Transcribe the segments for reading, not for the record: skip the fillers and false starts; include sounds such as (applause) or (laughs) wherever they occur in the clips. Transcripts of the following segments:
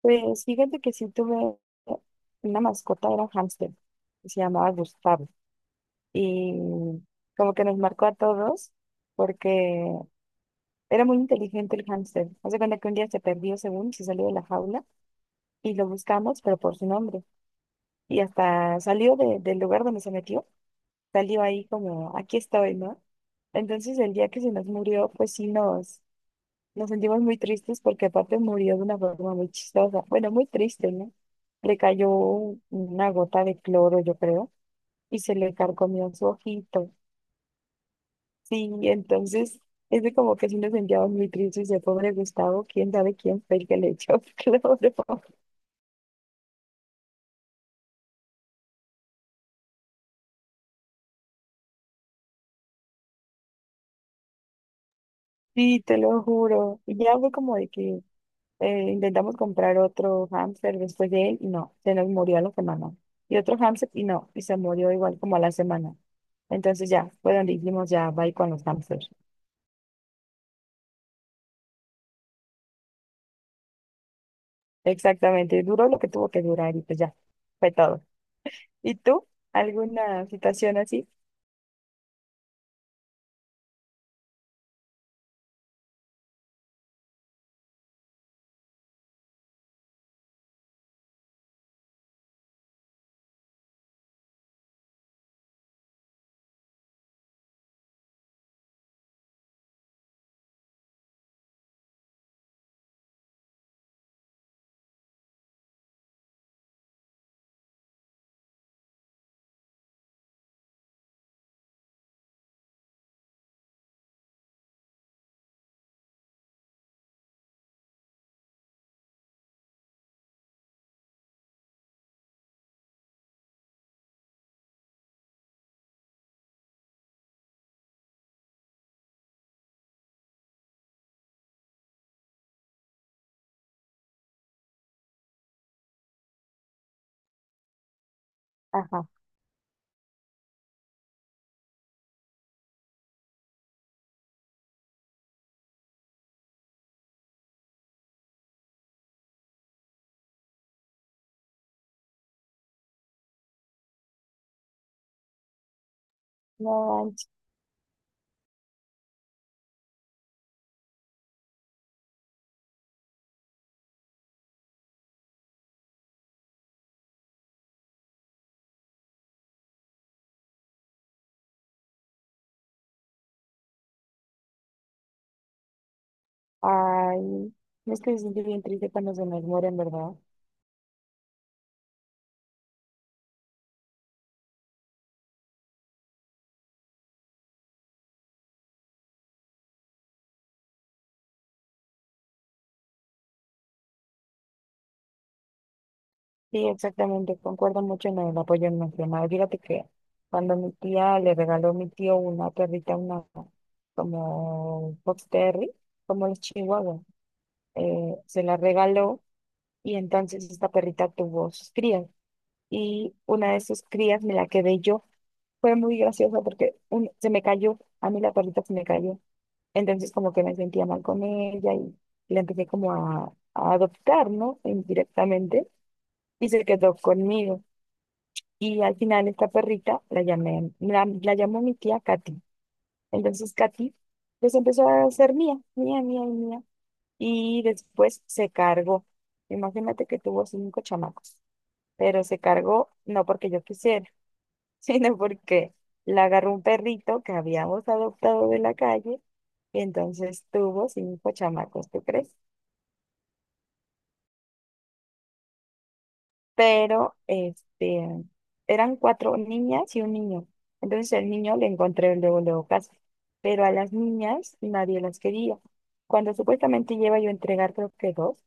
Pues fíjate que sí tuve una mascota, era hámster, que se llamaba Gustavo. Y como que nos marcó a todos porque era muy inteligente el hámster. Hace cuenta que un día se perdió según se salió de la jaula y lo buscamos, pero por su nombre. Y hasta salió del lugar donde se metió, salió ahí como, aquí estoy, ¿no? Entonces el día que se nos murió, pues sí nos sentimos muy tristes porque aparte murió de una forma muy chistosa. Bueno, muy triste, ¿no? Le cayó una gota de cloro, yo creo, y se le carcomió su ojito. Sí, entonces es de como que sí nos sentíamos muy tristes de pobre Gustavo, quién sabe quién fue el que le echó (laughs) cloro. Sí, te lo juro. Y ya fue como de que intentamos comprar otro hámster después de él y no, se nos murió a la semana. Y otro hámster y no, y se murió igual como a la semana. Entonces ya, fue donde dijimos ya, bye con los hámsters. Exactamente, duró lo que tuvo que durar y pues ya, fue todo. ¿Y tú? ¿Alguna situación así? Ajá. No manches. Ay, no es que me siento bien triste cuando se nos mueren, ¿verdad? Sí, exactamente, concuerdo mucho en el apoyo emocional. Fíjate que cuando mi tía le regaló a mi tío una perrita, una como Fox Terry, como los chihuahuas, se la regaló y entonces esta perrita tuvo sus crías y una de sus crías me la quedé yo. Fue muy gracioso porque se me cayó, a mí la perrita se me cayó. Entonces como que me sentía mal con ella y la empecé como a adoptar, ¿no? Indirectamente y se quedó conmigo. Y al final esta perrita la llamó mi tía Katy. Entonces Katy pues empezó a ser mía, mía, mía y mía. Y después se cargó. Imagínate que tuvo cinco chamacos, pero se cargó no porque yo quisiera, (laughs) sino porque la agarró un perrito que habíamos adoptado de la calle y entonces tuvo cinco chamacos, ¿tú crees? Pero este, eran cuatro niñas y un niño. Entonces el niño le encontré luego, luego casa, pero a las niñas nadie las quería. Cuando supuestamente lleva yo a entregar, creo que dos,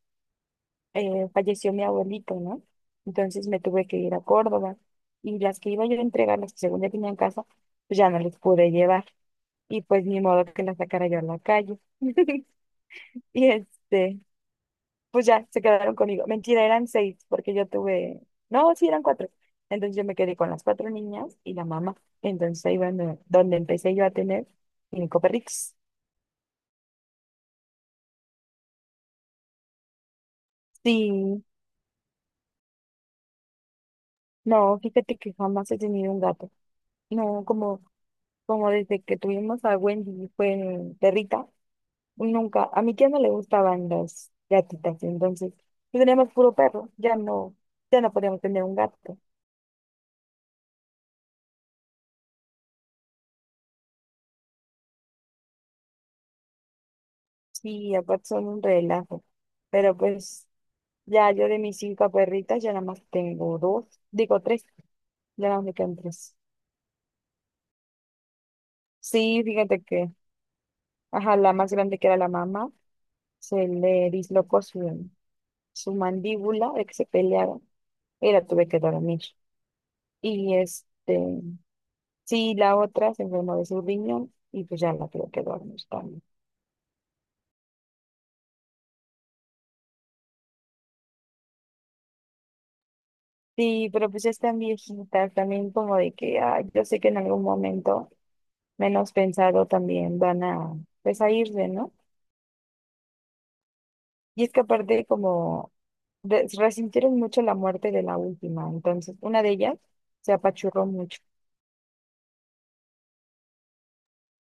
falleció mi abuelito, ¿no? Entonces me tuve que ir a Córdoba y las que iba yo a entregar, las que según ya tenía en casa, pues ya no les pude llevar. Y pues ni modo que las sacara yo a la calle. (laughs) Y este, pues ya se quedaron conmigo. Mentira, eran seis, porque yo tuve, no, sí, eran cuatro. Entonces yo me quedé con las cuatro niñas y la mamá. Entonces ahí bueno, donde empecé yo a tener cinco perritos. Sí, no, fíjate que jamás he tenido un gato. No, como desde que tuvimos a Wendy fue perrita, nunca, a mi tía no le gustaban las gatitas, entonces pues, teníamos puro perro, ya no podíamos tener un gato. Sí, aparte son un relajo. Pero pues ya yo de mis cinco perritas ya nada más tengo dos, digo tres, ya nada más me quedan tres. Sí, fíjate que, ajá, la más grande que era la mamá, se le dislocó su, su mandíbula de que se pelearon y la tuve que dormir. Y este, sí, la otra se enfermó de su riñón y pues ya la tuve que dormir también. Sí, pero pues ya están viejitas también como de que, ay, yo sé que en algún momento, menos pensado, también van a, pues a irse, ¿no? Y es que aparte como resintieron mucho la muerte de la última, entonces una de ellas se apachurró mucho.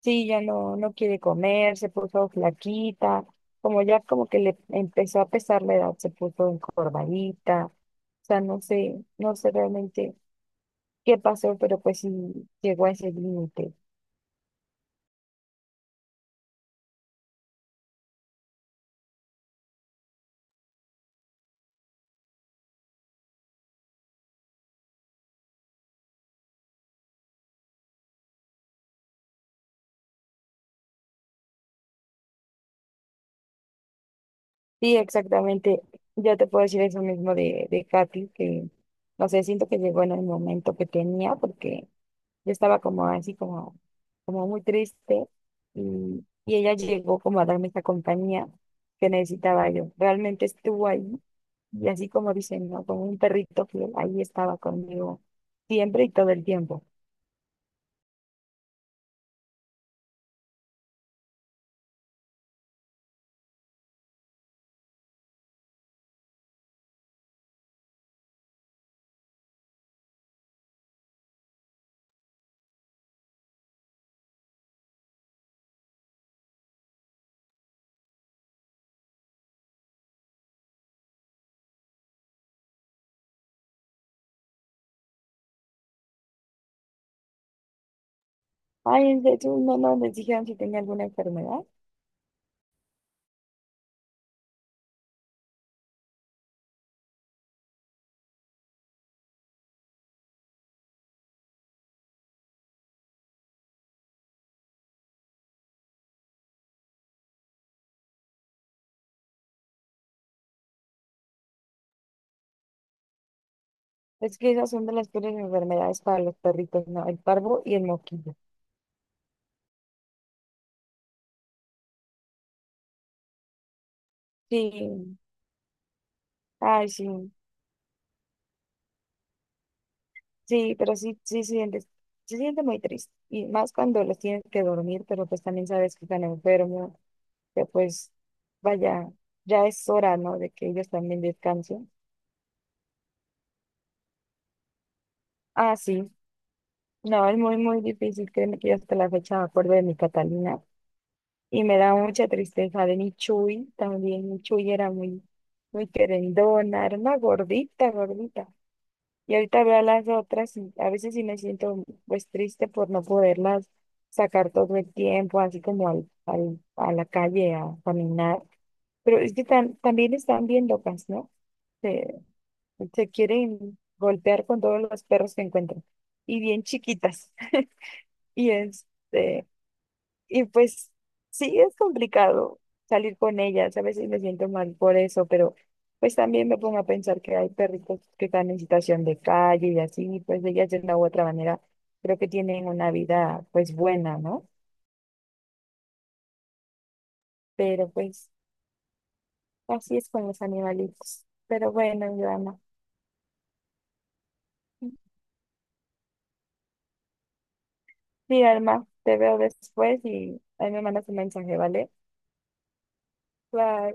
Sí, ya no, no quiere comer, se puso flaquita, como ya como que le empezó a pesar la edad, se puso encorvadita, o sea, no sé, no sé realmente qué pasó, pero pues sí llegó a ese límite. Sí, exactamente, ya te puedo decir eso mismo de Katy, que no sé, siento que llegó en el momento que tenía, porque yo estaba como así, como muy triste y ella llegó como a darme esta compañía que necesitaba yo. Realmente estuvo ahí y así como dicen, ¿no? Como un perrito fiel, ahí estaba conmigo siempre y todo el tiempo. Ay, de hecho, no, no, les dijeron si tenía alguna enfermedad. Es que esas son de las peores enfermedades para los perritos, ¿no? El parvo y el moquillo. Sí, ay, sí. Sí, pero sí, sí se siente muy triste. Y más cuando los tienes que dormir, pero pues también sabes que están enfermos, que pues vaya, ya es hora, ¿no? De que ellos también descansen. Ah, sí. No, es muy, muy difícil. Créeme que yo hasta la fecha me acuerdo de mi Catalina. Y me da mucha tristeza de mi Chuy también. Mi Chuy era muy, muy querendona, era una gordita, gordita. Y ahorita veo a las otras y a veces sí me siento pues triste por no poderlas sacar todo el tiempo, así como al, a la calle a caminar. Pero es que también están bien locas, ¿no? Se, se quieren golpear con todos los perros que encuentran. Y bien chiquitas. (laughs) Y este, y pues sí, es complicado salir con ellas. A veces me siento mal por eso, pero pues también me pongo a pensar que hay perritos que están en situación de calle y así, y pues ellas de una u otra manera creo que tienen una vida pues buena, ¿no? Pero pues así es con los animalitos. Pero bueno, mi alma. Sí, alma, te veo después y ahí me mandas un mensaje, ¿vale? Bye.